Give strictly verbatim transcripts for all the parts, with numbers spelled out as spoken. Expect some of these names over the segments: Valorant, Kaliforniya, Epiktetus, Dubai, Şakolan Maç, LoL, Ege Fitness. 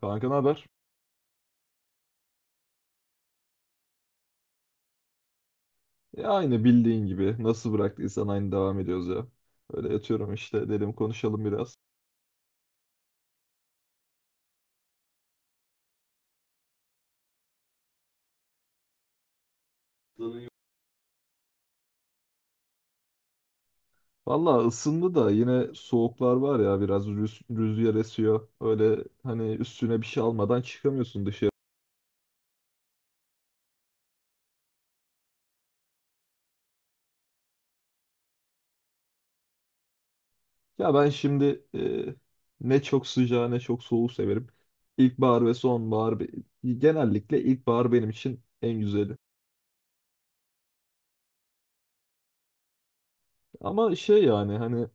Kanka ne haber? E, aynı bildiğin gibi. Nasıl bıraktıysan aynı devam ediyoruz ya. Öyle yatıyorum işte. Dedim konuşalım biraz. Valla ısındı da yine soğuklar var ya biraz rüz- rüzgar esiyor. Öyle hani üstüne bir şey almadan çıkamıyorsun dışarı. Ya ben şimdi e, ne çok sıcağı ne çok soğuğu severim. İlkbahar ve sonbahar be- genellikle ilkbahar benim için en güzeli. Ama şey yani hani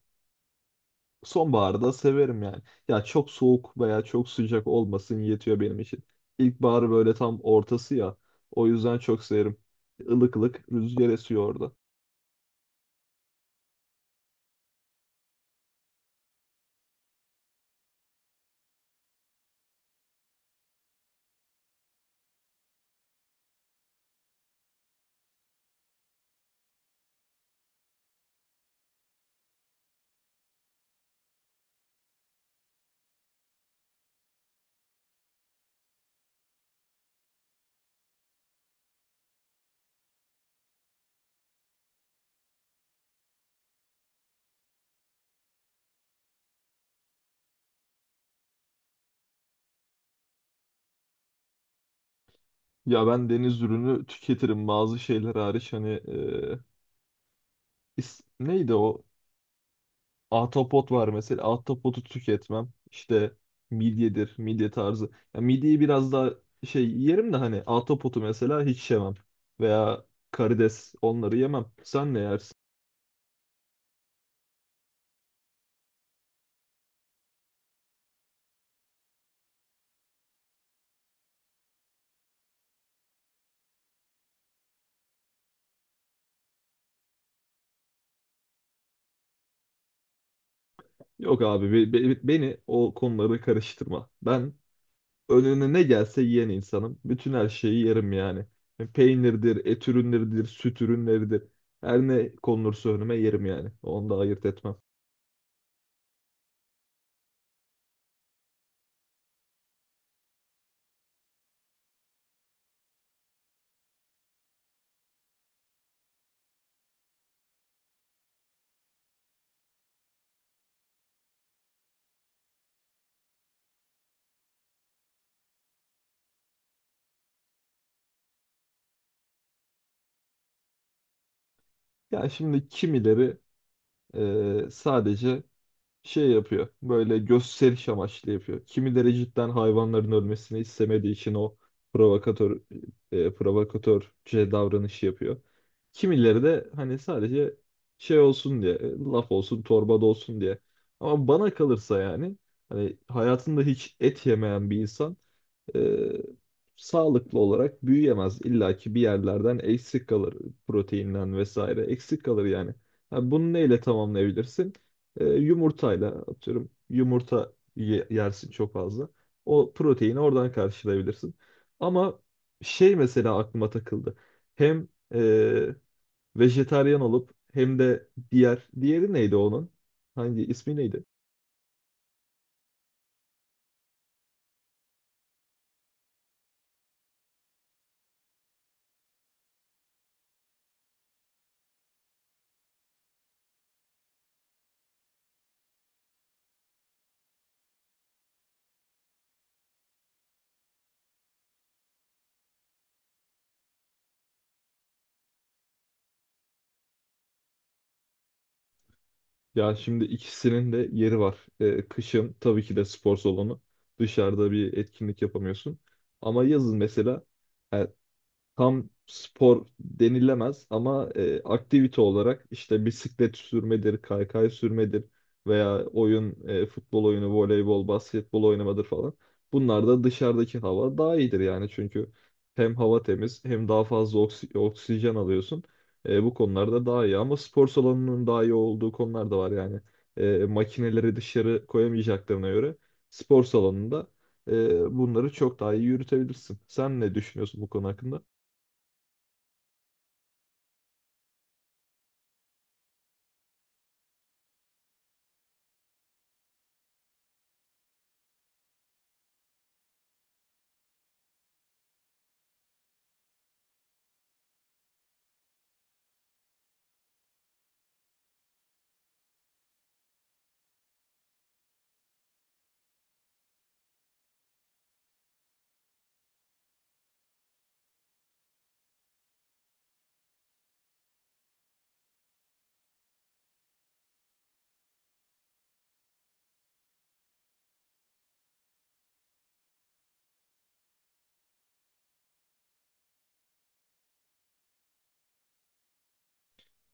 sonbaharı da severim yani. Ya çok soğuk veya çok sıcak olmasın yetiyor benim için. İlkbahar böyle tam ortası ya. O yüzden çok severim. Ilık ılık rüzgar esiyor orada. Ya ben deniz ürünü tüketirim bazı şeyler hariç hani e, is- neydi o? Ahtapot var mesela. Ahtapotu tüketmem. İşte midyedir, midye tarzı. Ya midyeyi biraz daha şey yerim de hani ahtapotu mesela hiç yemem. Veya karides onları yemem. Sen ne yersin? Yok abi be- be- beni o konulara karıştırma. Ben önüne ne gelse yiyen insanım. Bütün her şeyi yerim yani. Yani peynirdir, et ürünleridir, süt ürünleridir. Her ne konulursa önüme yerim yani. Onu da ayırt etmem. Yani şimdi kimileri e, sadece şey yapıyor. Böyle gösteriş amaçlı yapıyor. Kimileri cidden hayvanların ölmesini istemediği için o provokatör e, provokatörce davranışı yapıyor. Kimileri de hani sadece şey olsun diye, e, laf olsun, torbada olsun diye. Ama bana kalırsa yani hani hayatında hiç et yemeyen bir insan e, sağlıklı olarak büyüyemez. İlla ki bir yerlerden eksik kalır, proteinden vesaire eksik kalır yani. Ha, bunu neyle tamamlayabilirsin? E, yumurtayla atıyorum, yumurta ye- yersin çok fazla. O proteini oradan karşılayabilirsin. Ama şey mesela aklıma takıldı. Hem e, vejetaryen olup hem de diğer diğeri neydi onun? Hangi ismi neydi? Ya şimdi ikisinin de yeri var. Ee, kışın tabii ki de spor salonu. Dışarıda bir etkinlik yapamıyorsun. Ama yazın mesela e, tam spor denilemez ama e, aktivite olarak işte bisiklet sürmedir, kaykay sürmedir veya oyun, e, futbol oyunu, voleybol, basketbol oynamadır falan. Bunlar da dışarıdaki hava daha iyidir yani çünkü hem hava temiz hem daha fazla oksi- oksijen alıyorsun. E, bu konularda daha iyi ama spor salonunun daha iyi olduğu konular da var yani. E, makineleri dışarı koyamayacaklarına göre spor salonunda e, bunları çok daha iyi yürütebilirsin. Sen ne düşünüyorsun bu konu hakkında?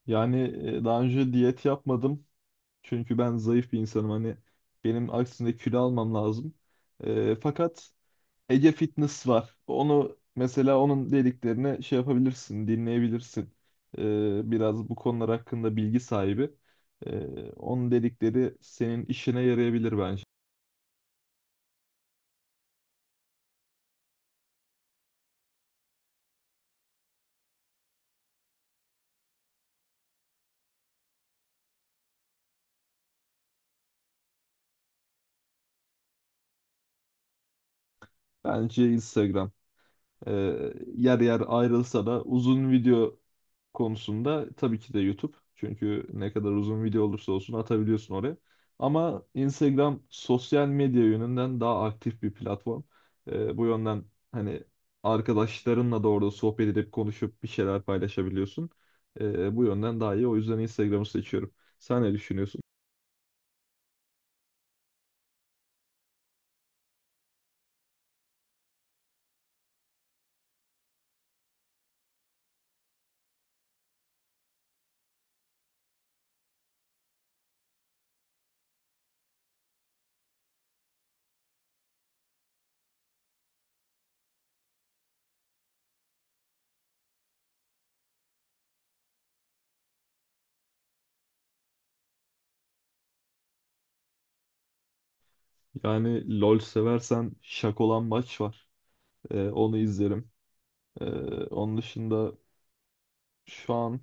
Yani e, daha önce diyet yapmadım. Çünkü ben zayıf bir insanım. Hani benim aksine kilo almam lazım. E, fakat Ege Fitness var. Onu mesela, onun dediklerini şey yapabilirsin, dinleyebilirsin. E, biraz bu konular hakkında bilgi sahibi. E, Onun dedikleri senin işine yarayabilir bence. Bence Instagram. Ee, yer yer ayrılsa da uzun video konusunda tabii ki de YouTube. Çünkü ne kadar uzun video olursa olsun atabiliyorsun oraya. Ama Instagram sosyal medya yönünden daha aktif bir platform. Ee, bu yönden hani arkadaşlarınla da orada sohbet edip konuşup bir şeyler paylaşabiliyorsun. Ee, bu yönden daha iyi. O yüzden Instagram'ı seçiyorum. Sen ne düşünüyorsun? Yani LoL seversen Şakolan Maç var. Ee, onu izlerim. Ee, Onun dışında şu an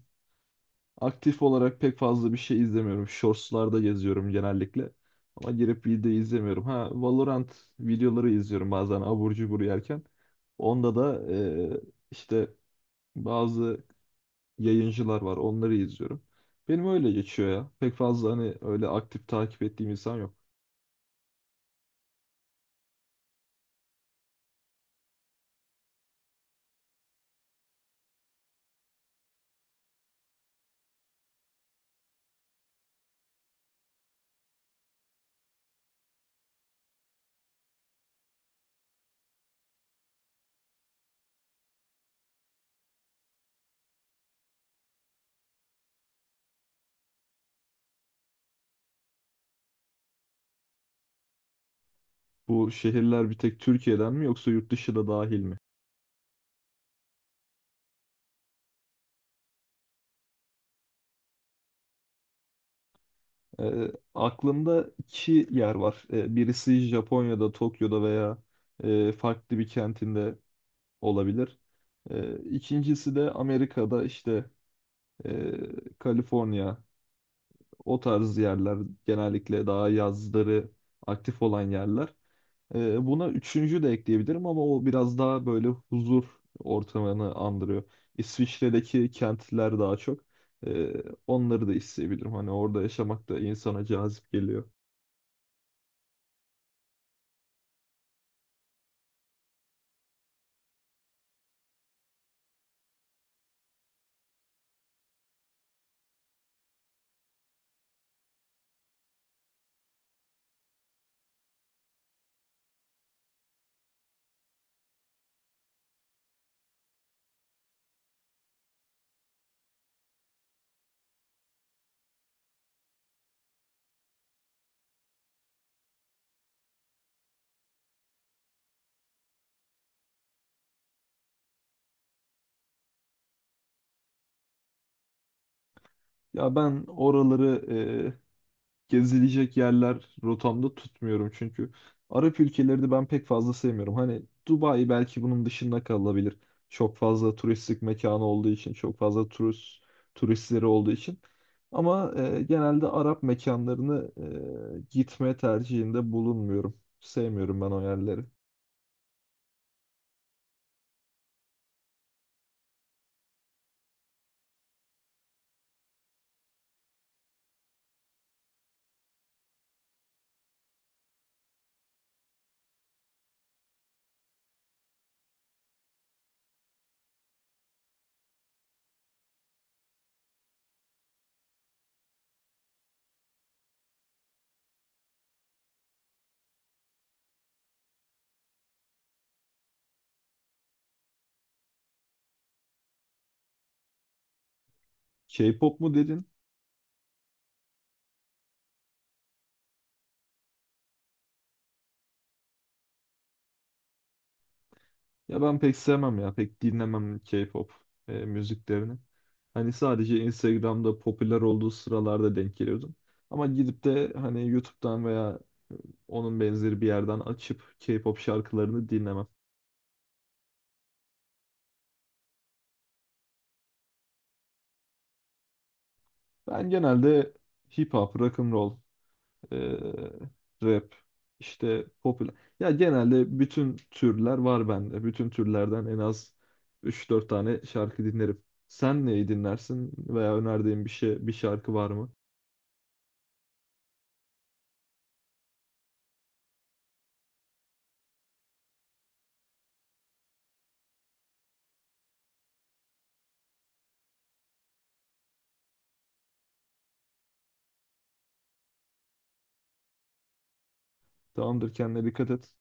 aktif olarak pek fazla bir şey izlemiyorum. Shorts'larda geziyorum genellikle. Ama girip video izlemiyorum. Ha, Valorant videoları izliyorum bazen abur cubur yerken. Onda da eee, işte bazı yayıncılar var. Onları izliyorum. Benim öyle geçiyor ya. Pek fazla hani öyle aktif takip ettiğim insan yok. Bu şehirler bir tek Türkiye'den mi yoksa yurt dışı da dahil mi? Eee, aklımda iki yer var. Eee, birisi Japonya'da, Tokyo'da veya eee, farklı bir kentinde olabilir. Ee, İkincisi de Amerika'da, işte e, Kaliforniya, o tarz yerler genellikle daha yazları aktif olan yerler. Ee, buna üçüncü de ekleyebilirim ama o biraz daha böyle huzur ortamını andırıyor. İsviçre'deki kentler daha çok. Ee, Onları da isteyebilirim. Hani orada yaşamak da insana cazip geliyor. Ya ben oraları e, gezilecek yerler rotamda tutmuyorum çünkü Arap ülkeleri ben pek fazla sevmiyorum. Hani Dubai belki bunun dışında kalabilir. Çok fazla turistik mekanı olduğu için, çok fazla turist turistleri olduğu için. Ama e, genelde Arap mekanlarını e, gitme tercihinde bulunmuyorum. Sevmiyorum ben o yerleri. K-pop mu dedin? Ya ben pek sevmem ya. Pek dinlemem K-pop e, müziklerini. Hani sadece Instagram'da popüler olduğu sıralarda denk geliyordum. Ama gidip de hani YouTube'dan veya onun benzeri bir yerden açıp K-pop şarkılarını dinlemem. Ben genelde hip hop, rock and roll, e, rap, işte popüler. Ya genelde bütün türler var bende. Bütün türlerden en az üç dört tane şarkı dinlerim. Sen neyi dinlersin veya önerdiğin bir şey, bir şarkı var mı? Tamamdır, kendine dikkat et.